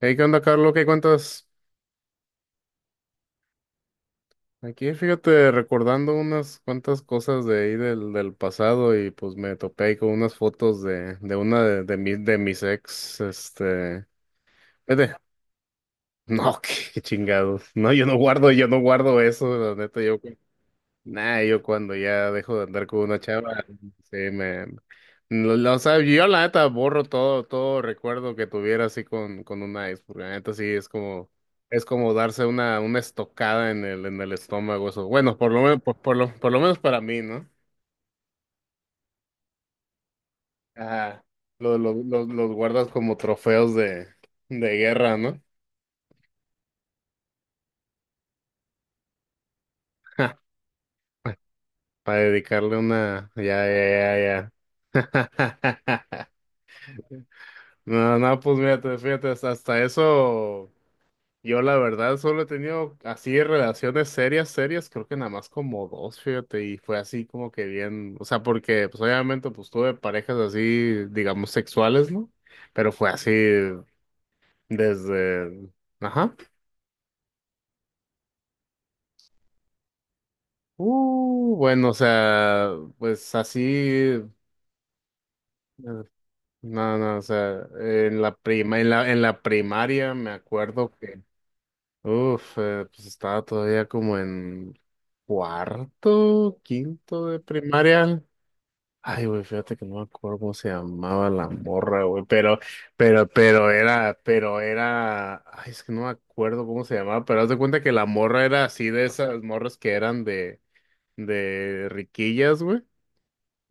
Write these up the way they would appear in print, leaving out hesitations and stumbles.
Hey, ¿qué onda, Carlos? ¿Qué cuentas? Aquí, fíjate, recordando unas cuantas cosas de ahí del pasado. Y pues me topé ahí con unas fotos de de mis ex. Vete. No, qué chingados. No, yo no guardo eso, la neta. Nah, yo cuando ya dejo de andar con una chava, sí, no, no, o sea, yo la neta borro todo recuerdo que tuviera así con una ex, porque la neta sí es como, darse una estocada en el estómago, eso. Bueno, por lo menos para mí, ¿no? Ajá. Los guardas como trofeos de guerra, ¿no? Para dedicarle ya, ya, ya, ya. No, no, pues mírate, fíjate, hasta eso. Yo la verdad solo he tenido así relaciones serias, serias, creo que nada más como dos, fíjate, y fue así como que bien, o sea, porque pues obviamente pues tuve parejas así, digamos, sexuales, ¿no? Pero fue así desde, ajá, bueno, o sea, pues así, no, no, o sea, en la primaria me acuerdo. Uf, pues estaba todavía como en cuarto, quinto de primaria. Ay, güey, fíjate que no me acuerdo cómo se llamaba la morra, güey, ay, es que no me acuerdo cómo se llamaba, pero haz de cuenta que la morra era así de esas morras que eran de riquillas, güey.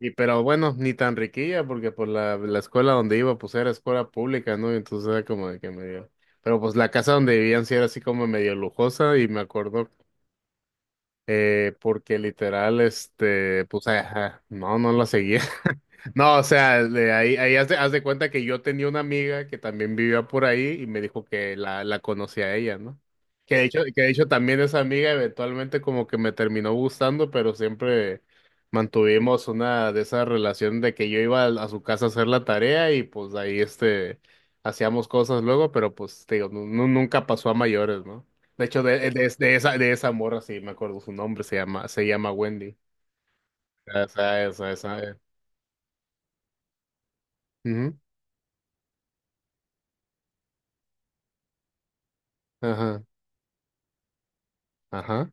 Y pero bueno, ni tan riquilla, porque por la escuela donde iba, pues era escuela pública, ¿no? Entonces era como de que medio. Pero pues la casa donde vivían sí era así como medio lujosa, y me acuerdo porque literal, pues, ajá, no, no la seguía. No, o sea, ahí haz de cuenta que yo tenía una amiga que también vivía por ahí y me dijo que la conocía a ella, ¿no? Que de hecho también esa amiga eventualmente como que me terminó gustando, pero siempre mantuvimos una de esas relaciones de que yo iba a su casa a hacer la tarea y pues ahí, hacíamos cosas luego, pero pues, te digo, nunca pasó a mayores, ¿no? De hecho, de esa morra, sí, me acuerdo su nombre, se llama Wendy. Esa. Ujú. Ajá, ajá.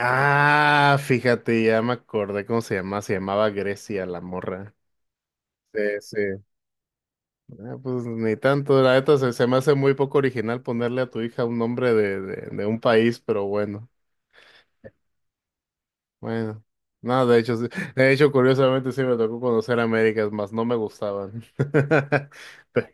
Ah, fíjate, ya me acordé cómo se llamaba Grecia la morra. Sí, sí. Ah, pues ni tanto, la neta se me hace muy poco original ponerle a tu hija un nombre de un país, pero bueno, bueno. No, de hecho, de hecho, curiosamente sí me tocó conocer Américas, más no me gustaban.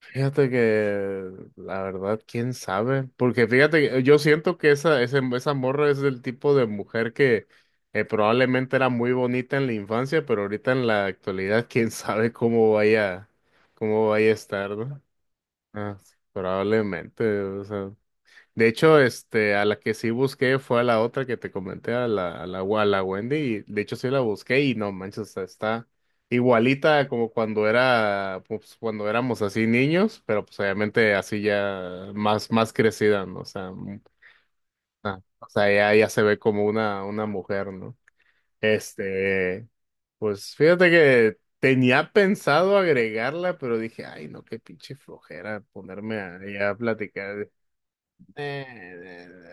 Fíjate que la verdad, quién sabe, porque fíjate, que yo siento que esa morra es del tipo de mujer que probablemente era muy bonita en la infancia, pero ahorita en la actualidad, quién sabe cómo vaya a estar, ¿no? Ah, probablemente, o sea. De hecho, a la que sí busqué fue a la otra que te comenté, a la Wendy, y de hecho sí la busqué y no manches, o sea, está igualita como cuando era, pues, cuando éramos así niños, pero pues obviamente así ya más crecida, ¿no? O sea, o sea, ya, ya se ve como una mujer, ¿no? Este, pues fíjate que tenía pensado agregarla, pero dije, ay, no, qué pinche flojera ponerme ahí a platicar. Eh,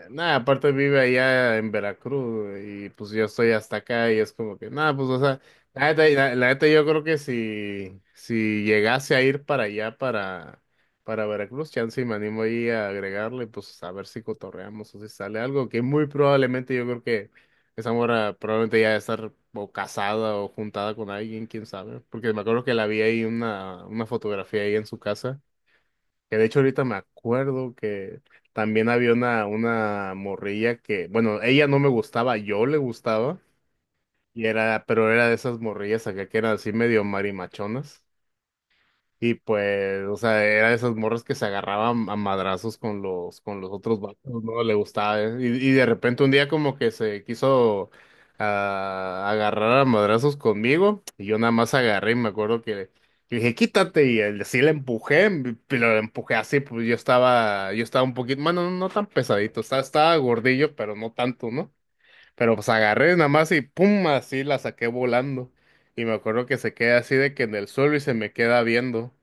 eh, Nada, aparte vive allá en Veracruz y pues yo estoy hasta acá y es como que, nada, pues o sea, la neta, la neta yo creo que si llegase a ir para allá, para Veracruz, chance y me animo ahí a agregarle, pues a ver si cotorreamos o si sale algo, que muy probablemente yo creo que esa mora probablemente ya debe estar o casada o juntada con alguien, quién sabe, porque me acuerdo que la vi ahí una fotografía ahí en su casa. Que de hecho ahorita me acuerdo que también había una morrilla que, bueno, ella no me gustaba, yo le gustaba, pero era de esas morrillas acá que eran así medio marimachonas. Y pues, o sea, era de esas morras que se agarraban a madrazos con los otros vatos, ¿no? Le gustaba. Y de repente un día como que se quiso agarrar a madrazos conmigo. Y yo nada más agarré y me acuerdo que le dije, quítate. Sí le empujé, pero le empujé así, pues yo estaba un poquito, bueno, no, no tan pesadito, estaba gordillo, pero no tanto, ¿no? Pero pues agarré nada más y pum, así la saqué volando. Y me acuerdo que se queda así de que en el suelo y se me queda viendo.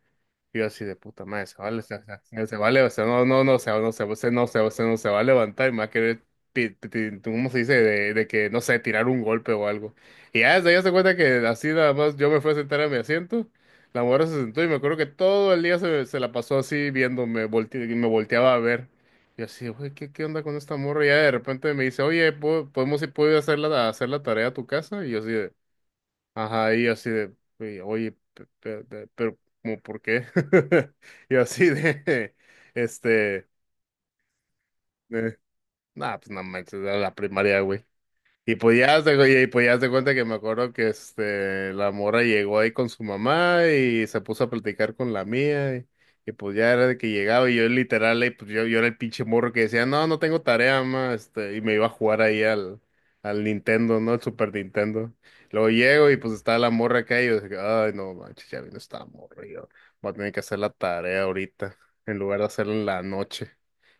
Yo así de puta madre, se vale, o sea, no, no, no, no se va a levantar y me va a querer, ¿cómo se dice? De que, no sé, tirar un golpe o algo. Y ya desde ahí se cuenta que así nada más yo me fui a sentar a mi asiento, la mujer se sentó y me acuerdo que todo el día se la pasó así viéndome, y me volteaba a ver. Y así, güey, ¿qué onda con esta morra? Y ya de repente me dice, oye, puedo ir a hacer la tarea a tu casa? Y yo así de... Ajá, y yo así de, "Oye, oye, pero, ¿cómo por qué? Y yo así de, este, eh, nah, pues no manches, era la primaria, güey. Y pues ya te cuenta que me acuerdo que la morra llegó ahí con su mamá y se puso a platicar con la mía y pues ya era de que llegaba y yo literal ahí, pues yo era el pinche morro que decía, "No, no tengo tarea, mamá", y me iba a jugar ahí al Nintendo, ¿no? El Super Nintendo. Luego llego y pues estaba la morra acá y yo dije, "Ay, no manches, ya vino esta morra, y yo voy a tener que hacer la tarea ahorita en lugar de hacerla en la noche."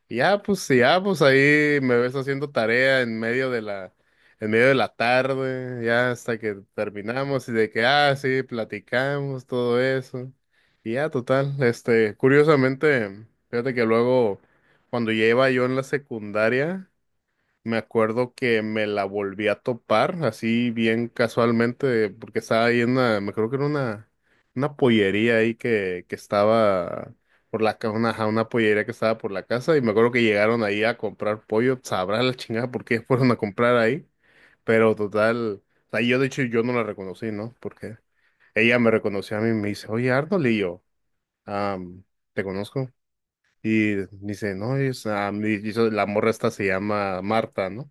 Y ya pues sí, ya pues ahí me ves haciendo tarea en medio de la tarde, ya hasta que terminamos y de que, ah, sí, platicamos, todo eso. Y ya, total, curiosamente, fíjate que luego, cuando ya iba yo en la secundaria, me acuerdo que me la volví a topar, así bien casualmente, porque estaba ahí me creo que era una pollería ahí que estaba por la, ca- una, ajá, una pollería que estaba por la casa, y me acuerdo que llegaron ahí a comprar pollo, sabrá la chingada por qué fueron a comprar ahí. Pero total, o sea, yo de hecho yo no la reconocí, ¿no? Porque ella me reconoció a mí y me dice, oye, Arnold, y yo, "Ah, te conozco." Y dice, no, y la morra esta se llama Marta, ¿no?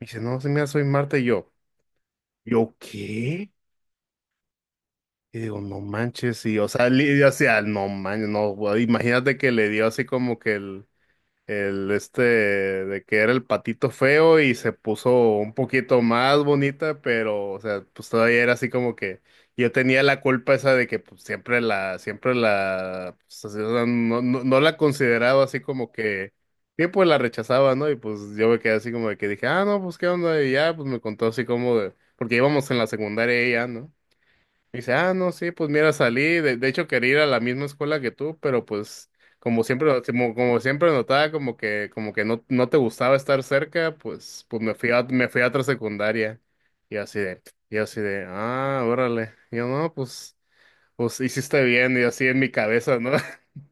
Me dice, no, sí, mira, soy Marta y yo, ¿yo qué? Y digo, no manches, y o sea, o sea, no manches, no, güey, imagínate que le dio así como que el de que era el patito feo y se puso un poquito más bonita, pero o sea, pues todavía era así como que yo tenía la culpa esa de que pues, siempre la, pues, así, o sea, no, no, no la consideraba así como que, sí, pues la rechazaba, ¿no? Y pues yo me quedé así como de que dije, ah, no, pues qué onda, y ya, pues me contó así como de, porque íbamos en la secundaria y ya, ¿no? Dice, ah, no, sí, pues mira, de hecho quería ir a la misma escuela que tú, pero pues como siempre notaba como que no, no te gustaba estar cerca, pues me fui a otra secundaria. Y así de, y así de, órale. Y yo, no, pues, hiciste bien, y así en mi cabeza, ¿no?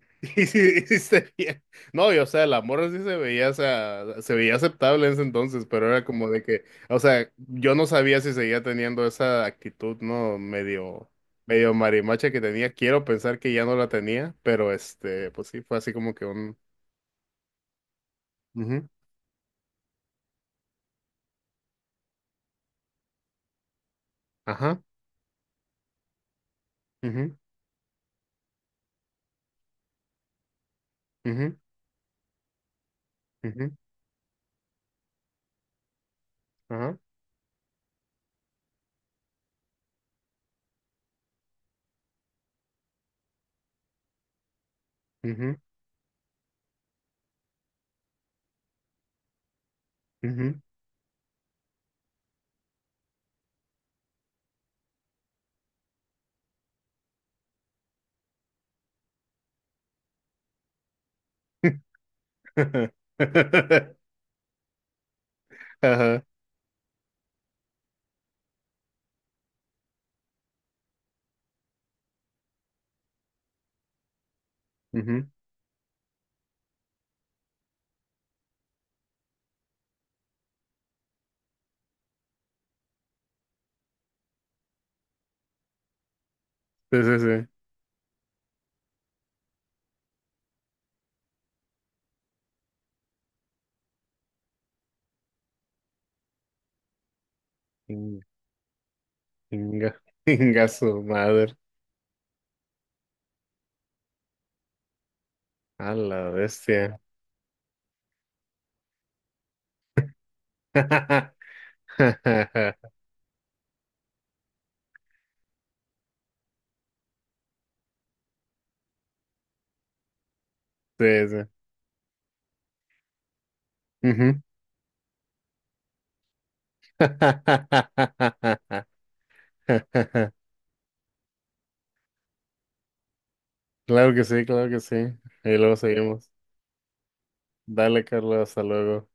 Y sí, y sí se veía- No, y o sea, la morra sí se veía, o sea, se veía aceptable en ese entonces, pero era como de que, o sea, yo no sabía si seguía teniendo esa actitud, ¿no? Medio marimacha que tenía. Quiero pensar que ya no la tenía, pero pues sí, fue así como que un. Ujú, ajá, ujú, ujú, ujú, ajá, ujú, ujú". Ajá, ujú. Sí, sí, sí. Inga, inga su madre. A la bestia. Sí, sí. Ujú. Claro que sí, claro que sí. Y luego seguimos. Dale, Carlos, hasta luego.